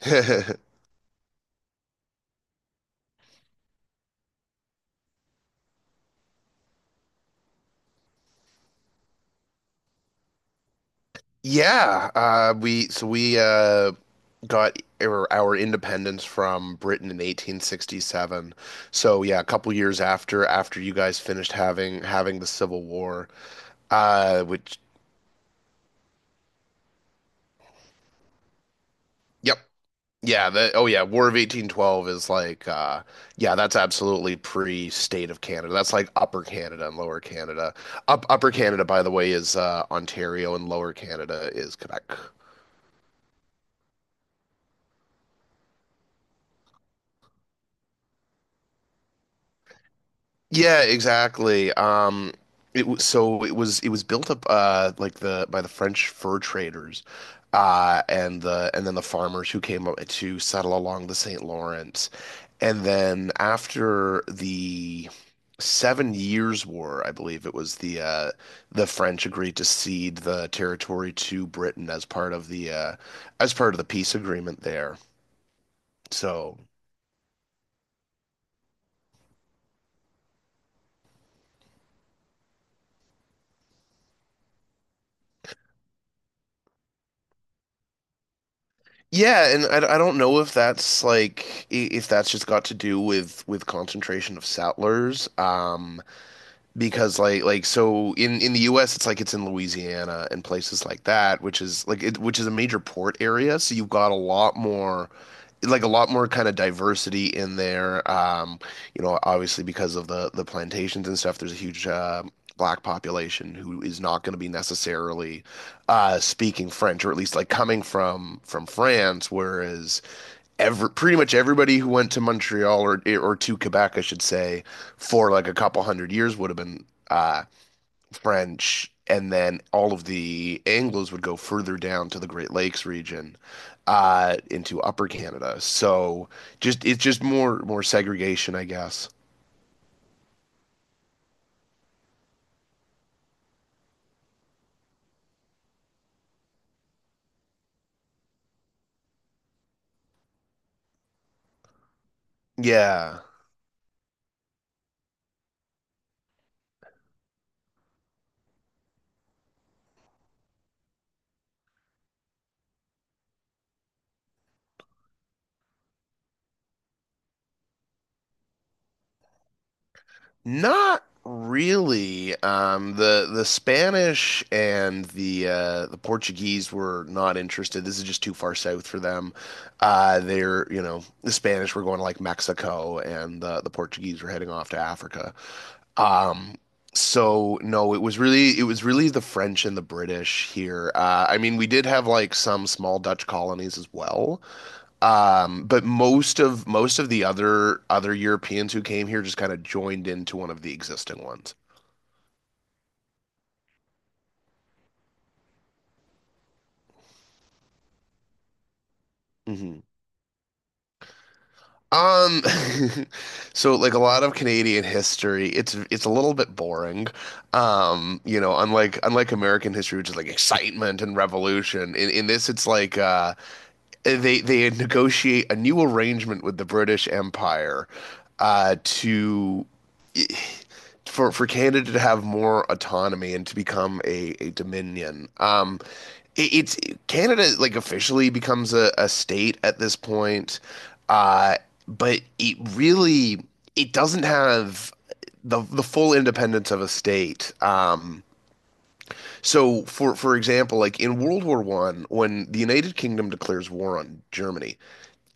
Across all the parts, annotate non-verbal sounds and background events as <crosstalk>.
<laughs> Yeah, we so we got our independence from Britain in 1867. So yeah, a couple years after you guys finished having the Civil War, which yep, yeah, the oh yeah, War of 1812 is like yeah, that's absolutely pre-state of Canada. That's like Upper Canada and Lower Canada. Up Upper Canada, by the way, is Ontario, and Lower Canada is Quebec. Yeah, exactly. It was so it was built up like the by the French fur traders, and then the farmers who came up to settle along the St. Lawrence, and then after the Seven Years' War, I believe it was the French agreed to cede the territory to Britain as part of the as part of the peace agreement there. So. Yeah, and I don't know if that's like if that's just got to do with concentration of settlers. Because like so in the US it's like it's in Louisiana and places like that, which is which is a major port area, so you've got a lot more kind of diversity in there, obviously because of the plantations and stuff there's a huge black population who is not going to be necessarily speaking French, or at least like coming from France, whereas every pretty much everybody who went to Montreal or to Quebec, I should say, for like a couple hundred years would have been uh, French, and then all of the Anglos would go further down to the Great Lakes region, into Upper Canada. So just it's just more segregation, I guess. Yeah. Not really. The Spanish and the Portuguese were not interested. This is just too far south for them. They're, the Spanish were going to like Mexico, and the Portuguese were heading off to Africa. Um, so no, it was really the French and the British here. I mean, we did have like some small Dutch colonies as well. But most of the other Europeans who came here just kind of joined into one of the existing ones. hmm Um, <laughs> so like a lot of Canadian history, it's a little bit boring. Unlike American history, which is like excitement and revolution. In this, it's like they negotiate a new arrangement with the British Empire, to for Canada to have more autonomy and to become a dominion. It, it's Canada like officially becomes a state at this point, uh, but it doesn't have the full independence of a state. So, for example, like in World War I, when the United Kingdom declares war on Germany,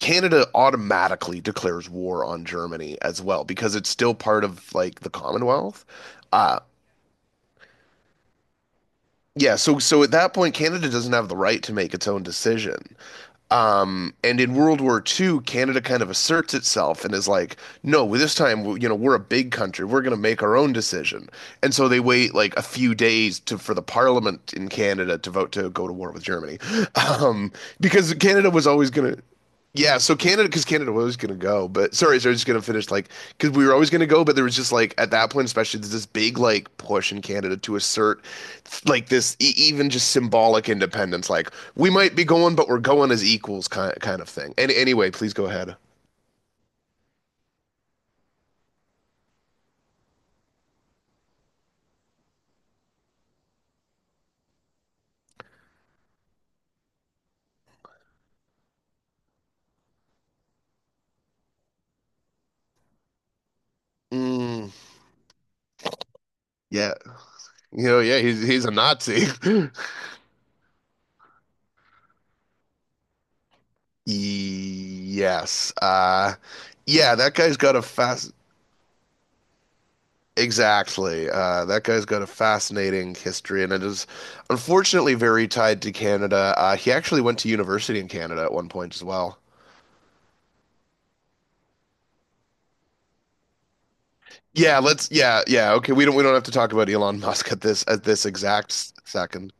Canada automatically declares war on Germany as well because it's still part of like the Commonwealth. Uh, yeah, so at that point, Canada doesn't have the right to make its own decision. And in World War II, Canada kind of asserts itself and is like, no, well, this time, we're a big country. We're going to make our own decision. And so they wait like a few days to for the parliament in Canada to vote to go to war with Germany. <laughs> Um, because Canada was always going to, yeah, so Canada, because Canada was going to go, but sorry, so I was just going to finish like, because we were always going to go, but there was just like, at that point especially, there's this big like push in Canada to assert like this even just symbolic independence, like, we might be going, but we're going as equals, kind of thing. And anyway, please go ahead. Mm, yeah, yeah, he's a Nazi. <laughs> Yes, yeah, that guy's got a fast. Exactly. That guy's got a fascinating history, and it is unfortunately very tied to Canada. He actually went to university in Canada at one point as well. Yeah, let's. Yeah, yeah. Okay, we don't. We don't have to talk about Elon Musk at this exact second.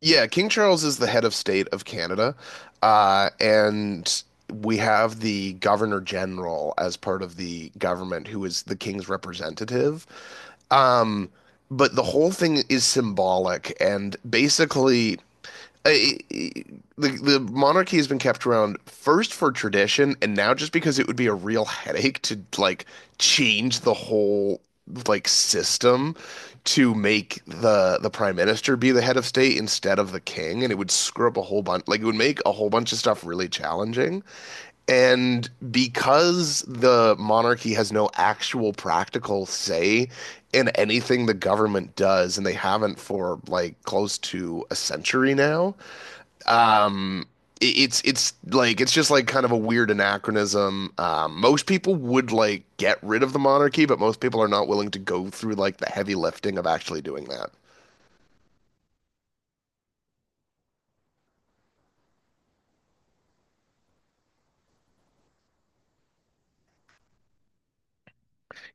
Yeah, King Charles is the head of state of Canada, and we have the Governor General as part of the government, who is the King's representative. Um, but the whole thing is symbolic, and basically, I, the monarchy has been kept around first for tradition, and now just because it would be a real headache to like change the whole like system to make the prime minister be the head of state instead of the king, and it would screw up a whole bunch. Like it would make a whole bunch of stuff really challenging. And because the monarchy has no actual practical say in anything the government does, and they haven't for like close to a century now, um, it's like it's just like kind of a weird anachronism. Most people would like get rid of the monarchy, but most people are not willing to go through like the heavy lifting of actually doing that.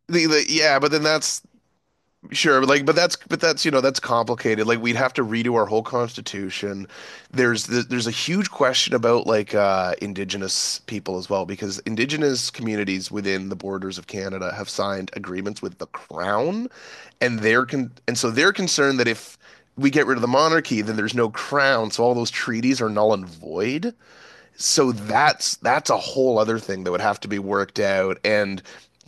The yeah, but then that's. Sure, but like, but that's, you know, that's complicated. Like, we'd have to redo our whole constitution. There's a huge question about like Indigenous people as well, because Indigenous communities within the borders of Canada have signed agreements with the Crown, and and so they're concerned that if we get rid of the monarchy, then there's no Crown, so all those treaties are null and void. So that's a whole other thing that would have to be worked out, and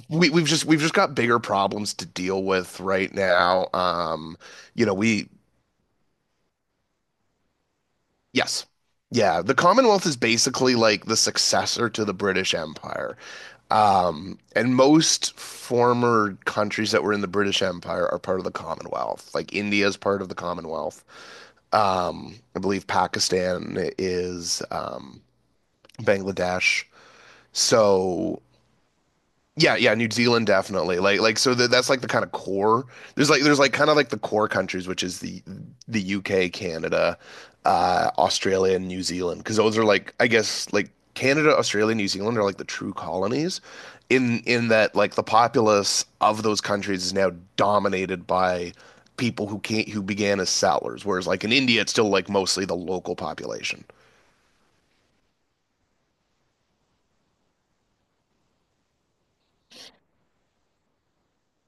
we've just got bigger problems to deal with right now. You know, we yes. Yeah, the Commonwealth is basically like the successor to the British Empire. And most former countries that were in the British Empire are part of the Commonwealth. Like India is part of the Commonwealth. I believe Pakistan is Bangladesh. So. Yeah, yeah, New Zealand definitely. Like so that's like the kind of core. There's like kind of like the core countries, which is the UK, Canada, Australia and New Zealand, because those are like I guess like Canada, Australia, New Zealand are like the true colonies in that like the populace of those countries is now dominated by people who can't who began as settlers, whereas like in India it's still like mostly the local population.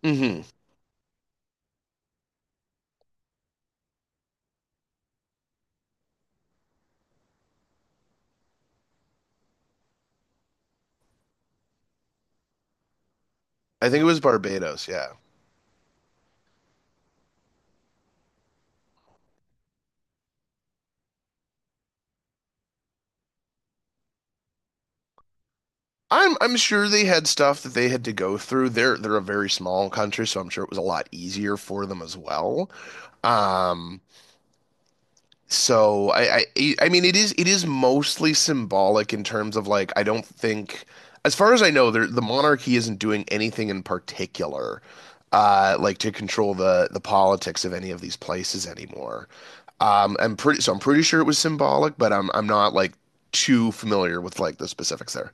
Mhm. I think it was Barbados, yeah. I'm sure they had stuff that they had to go through. They're a very small country, so I'm sure it was a lot easier for them as well. Um, so I mean it is mostly symbolic in terms of like I don't think, as far as I know, the monarchy isn't doing anything in particular like to control the politics of any of these places anymore. I'm pretty so I'm pretty sure it was symbolic, but I'm not like too familiar with like the specifics there.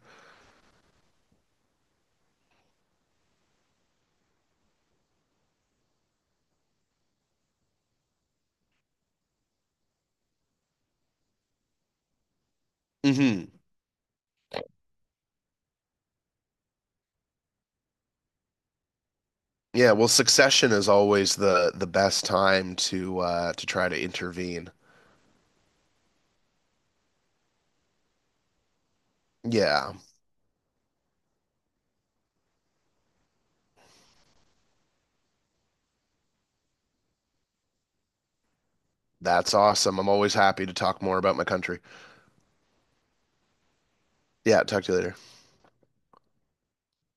hmm Yeah, well, succession is always the best time to try to intervene. Yeah, that's awesome. I'm always happy to talk more about my country. Yeah, talk to you later.